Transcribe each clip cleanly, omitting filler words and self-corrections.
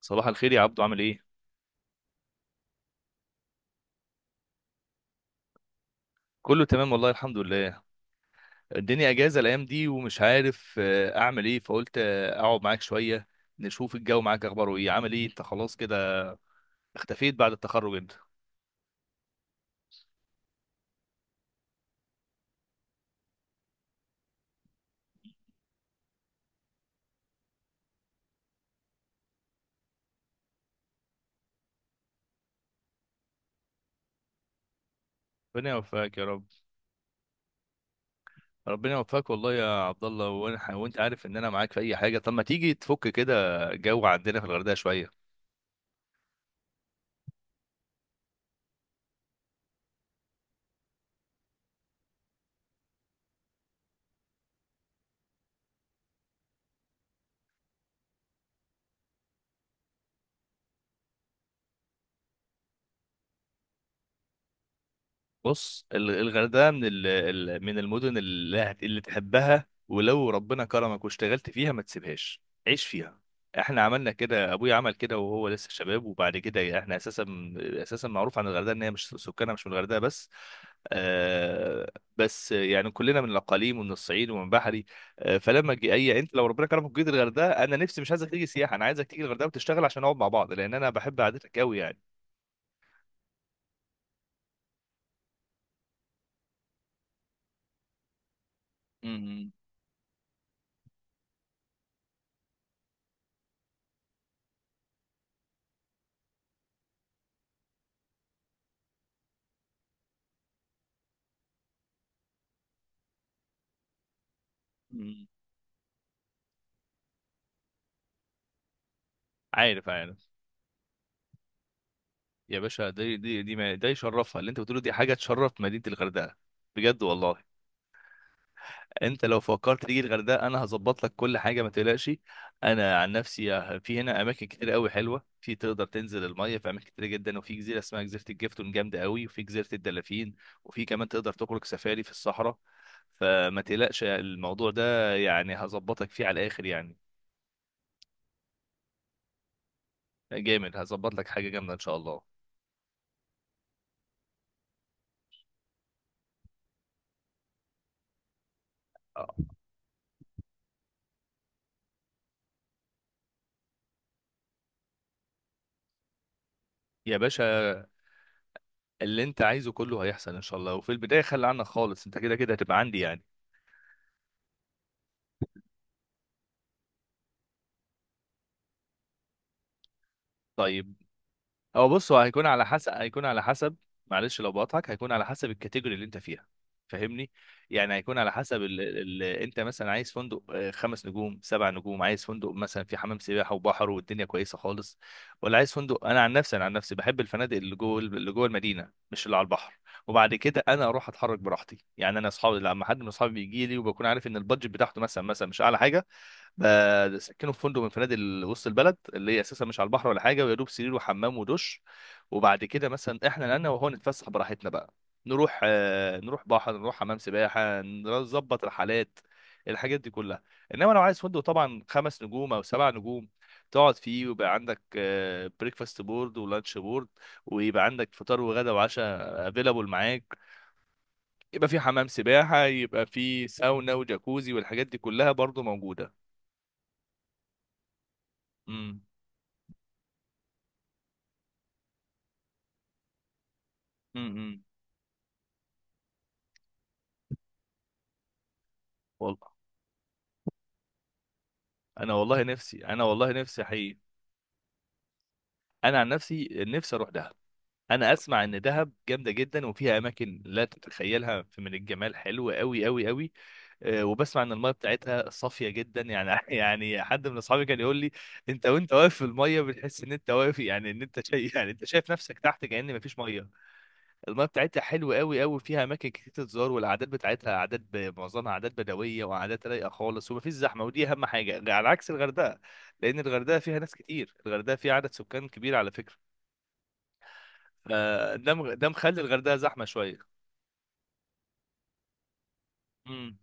صباح الخير يا عبدو، عامل ايه؟ كله تمام والله، الحمد لله. الدنيا اجازه الايام دي ومش عارف اعمل ايه، فقلت اقعد معاك شويه. نشوف الجو معاك، اخباره ايه؟ عامل ايه انت خلاص كده؟ اختفيت بعد التخرج انت. ربنا يوفقك يا رب. ربنا يوفقك والله يا عبد الله، وانت عارف ان انا معاك في اي حاجه، طب ما تيجي تفك كده؟ جو عندنا في الغردقه شويه. بص، الغردقه من من المدن اللي تحبها، ولو ربنا كرمك واشتغلت فيها ما تسيبهاش. عيش فيها. احنا عملنا كده، ابويا عمل كده وهو لسه شباب، وبعد كده احنا اساسا معروف عن الغردقه ان هي مش سكانها، مش من الغردقه بس. آه. بس يعني كلنا من الاقاليم ومن الصعيد ومن بحري. فلما جي اي انت لو ربنا كرمك وجيت الغردقه، انا نفسي مش عايزك تيجي سياحه، انا عايزك تيجي الغردقه وتشتغل عشان نقعد مع بعض، لان انا بحب قعدتك قوي يعني. مم. مم. عارف، عارف. يا باشا، دي، ما ده يشرفها اللي انت بتقوله، دي حاجه تشرف مدينه الغردقه. بجد والله. انت لو فكرت تيجي الغردقه انا هظبط لك كل حاجه، ما تقلقش. انا عن نفسي في هنا اماكن كتير قوي حلوه، في تقدر تنزل الميه في اماكن كتير جدا، وفي جزيره اسمها جزيره الجفتون جامده قوي، وفي جزيره الدلافين. وفي كمان تقدر تخرج سفاري في الصحراء. فما تقلقش، الموضوع ده يعني هظبطك فيه على الاخر يعني. جامد، هظبط لك حاجه جامده ان شاء الله. آه. يا باشا، اللي انت عايزه كله هيحصل ان شاء الله، وفي البدايه خلي عنك خالص، انت كده كده هتبقى عندي يعني. طيب. هو، بص، هو هيكون على حسب. معلش لو بقطعك، هيكون على حسب الكاتيجوري اللي انت فيها. فاهمني؟ يعني هيكون على حسب انت مثلا عايز فندق خمس نجوم سبع نجوم، عايز فندق مثلا في حمام سباحه وبحر والدنيا كويسه خالص. ولا عايز فندق، انا عن نفسي بحب الفنادق اللي جوه المدينه، مش اللي على البحر. وبعد كده انا اروح اتحرك براحتي يعني، اصحابي لما حد من اصحابي بيجي لي وبكون عارف ان البادجت بتاعته مثلا مش اعلى حاجه، بسكنه في فندق من فنادق وسط البلد، اللي هي اساسا مش على البحر ولا حاجه، ويا دوب سرير وحمام ودش. وبعد كده مثلا احنا انا وهو نتفسح براحتنا بقى، نروح بحر، نروح حمام سباحه، نظبط رحلات، الحاجات دي كلها. انما لو عايز فندق طبعا خمس نجوم او سبع نجوم، تقعد فيه ويبقى عندك بريكفاست بورد ولانش بورد، ويبقى عندك فطار وغدا وعشاء افيلابل معاك، يبقى في حمام سباحه، يبقى في ساونا وجاكوزي، والحاجات دي كلها برضو موجوده. امم والله، انا والله نفسي حقيقي. انا عن نفسي نفسي اروح دهب. انا اسمع ان دهب جامده جدا وفيها اماكن لا تتخيلها من الجمال، حلو قوي قوي قوي. أه، وبسمع ان الميه بتاعتها صافيه جدا يعني يعني حد من اصحابي كان يقول لي: انت وانت واقف في الميه بتحس ان انت واقف، يعني ان انت شايف، يعني انت شايف نفسك تحت كأن مفيش ميه. المياه بتاعتها حلوه قوي قوي، فيها اماكن كتير تتزار، والعادات بتاعتها عادات معظمها عادات بدويه وعادات رايقه خالص، ومفيش زحمه، ودي اهم حاجه على عكس الغردقه. لان الغردقه فيها ناس كتير، الغردقه فيها عدد سكان كبير على فكره. ده مخلي الغردقه زحمه شويه. امم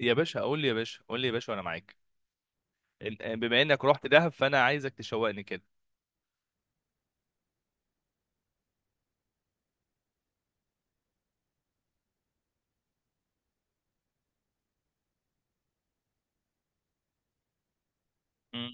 يا باشا قول لي، يا باشا قول لي، يا باشا، وانا معاك. بما انك رحت دهب فانا عايزك تشوقني كده. مم.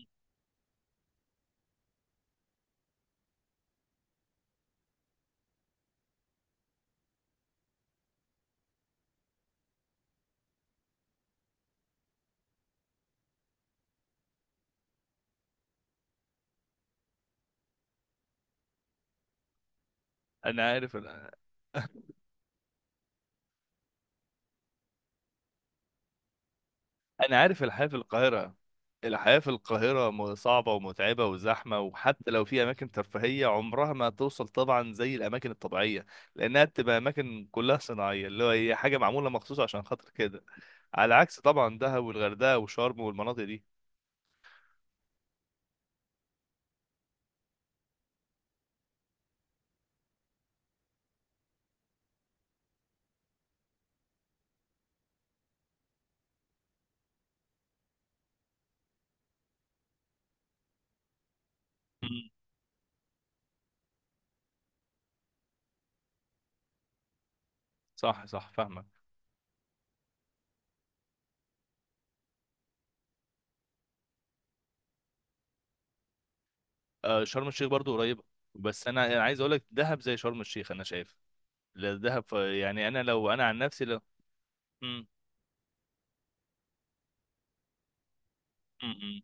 انا عارف. انا عارف الحياه في القاهره. الحياه في القاهره صعبه ومتعبه وزحمه، وحتى لو في اماكن ترفيهيه عمرها ما توصل طبعا زي الاماكن الطبيعيه، لانها بتبقى اماكن كلها صناعيه، اللي هو هي حاجه معموله مخصوص عشان خاطر كده، على عكس طبعا دهب والغردقه وشرم والمناطق دي. مم. صح، صح، فاهمك. شرم الشيخ برضو قريبه. بس انا عايز اقول لك دهب زي شرم الشيخ انا شايف. لا، دهب يعني لو انا عن نفسي، لو. مم. مم. مم.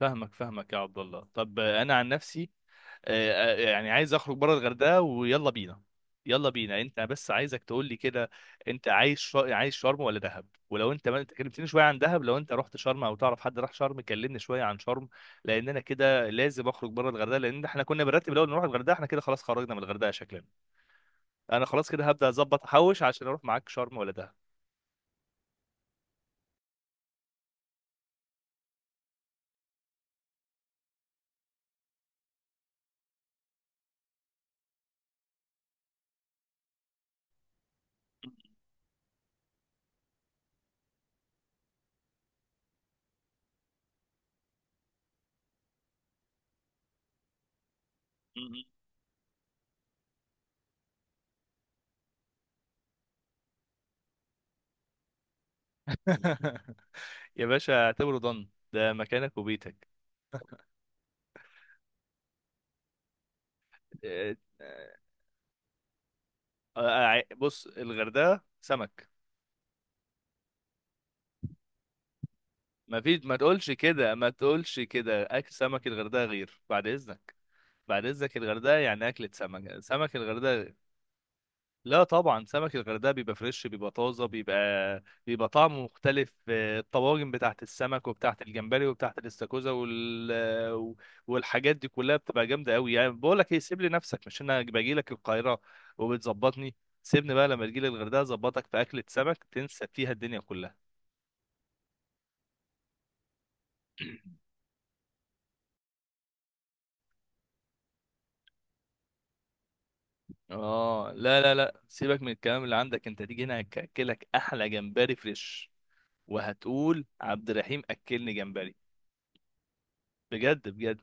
فاهمك، فاهمك يا عبد الله، طب انا عن نفسي، يعني عايز اخرج بره الغردقه، ويلا بينا. يلا بينا، انت بس عايزك تقول لي كده. انت عايز عايز شرم ولا دهب؟ ولو انت ما انت كلمتني شويه عن دهب، لو انت رحت شرم او تعرف حد راح شرم كلمني شويه عن شرم. لان انا كده لازم اخرج بره الغردقه، لان احنا كنا بنرتب الاول نروح الغردقه، احنا كده خلاص خرجنا من الغردقه شكلنا. انا خلاص كده هبدا اظبط احوش عشان اروح معاك شرم ولا دهب. يا باشا، اعتبره ضن، ده مكانك وبيتك. آه، آه، بص، الغردقه سمك. ما فيش، ما تقولش كده، ما تقولش كده، اكل سمك الغردقه غير، بعد اذنك. بعد اذنك، الغردقه يعني اكله سمك، سمك الغردقه غير. لا طبعا، سمك الغردقه بيبقى فريش، بيبقى طازه، بيبقى طعمه مختلف، الطواجن بتاعت السمك وبتاعت الجمبري وبتاعت الاستاكوزا والحاجات دي كلها بتبقى جامده قوي يعني. بقول لك ايه، سيب لي نفسك، مش انا باجي لك القاهره وبتظبطني؟ سيبني بقى، لما تجي لي الغردقه اظبطك في اكله سمك تنسى فيها الدنيا كلها. اه، لا، لا، لا، سيبك من الكلام اللي عندك، انت تيجي هنا هاكلك احلى جمبري فريش، وهتقول عبد الرحيم اكلني جمبري. بجد، بجد.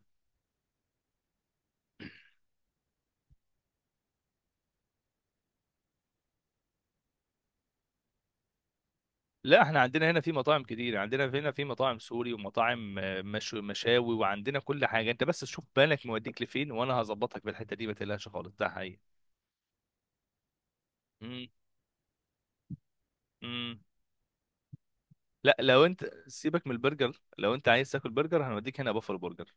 لا، احنا عندنا هنا في مطاعم كتير، عندنا هنا في مطاعم سوري ومطاعم مشاوي، وعندنا كل حاجه. انت بس شوف بالك موديك لفين وانا هظبطك في الحته دي، ما تقلقش خالص، ده حقيقي. مم، مم. لا، لو انت سيبك من البرجر، لو انت عايز تاكل برجر هنوديك هنا بافلو برجر.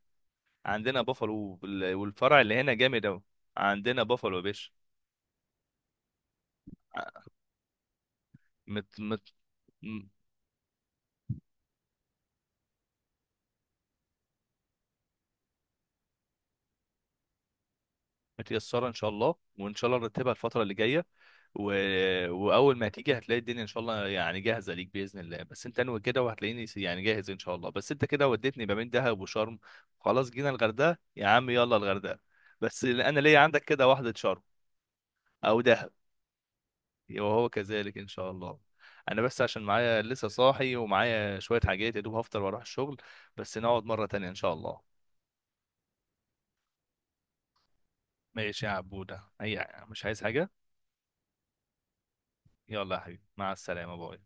عندنا بافلو والفرع اللي هنا جامد اوي. عندنا بافلو يا باشا. مت مت م- متيسرة إن شاء الله، وإن شاء الله نرتبها الفترة اللي جاية، و... وأول ما هتيجي هتلاقي الدنيا إن شاء الله، يعني جاهزة ليك بإذن الله، بس أنت أنوي كده وهتلاقيني يعني جاهز إن شاء الله. بس أنت كده وديتني ما بين دهب وشرم. خلاص جينا الغردقة يا عم، يلا الغردقة. بس أنا ليا عندك كده واحدة شرم أو دهب. وهو كذلك إن شاء الله. أنا بس عشان معايا لسه صاحي ومعايا شوية حاجات، يا دوب هفطر وأروح الشغل. بس نقعد مرة تانية إن شاء الله. ماشي يا عبودة، أي مش عايز حاجة؟ يلا يا حبيبي، مع السلامة، باي.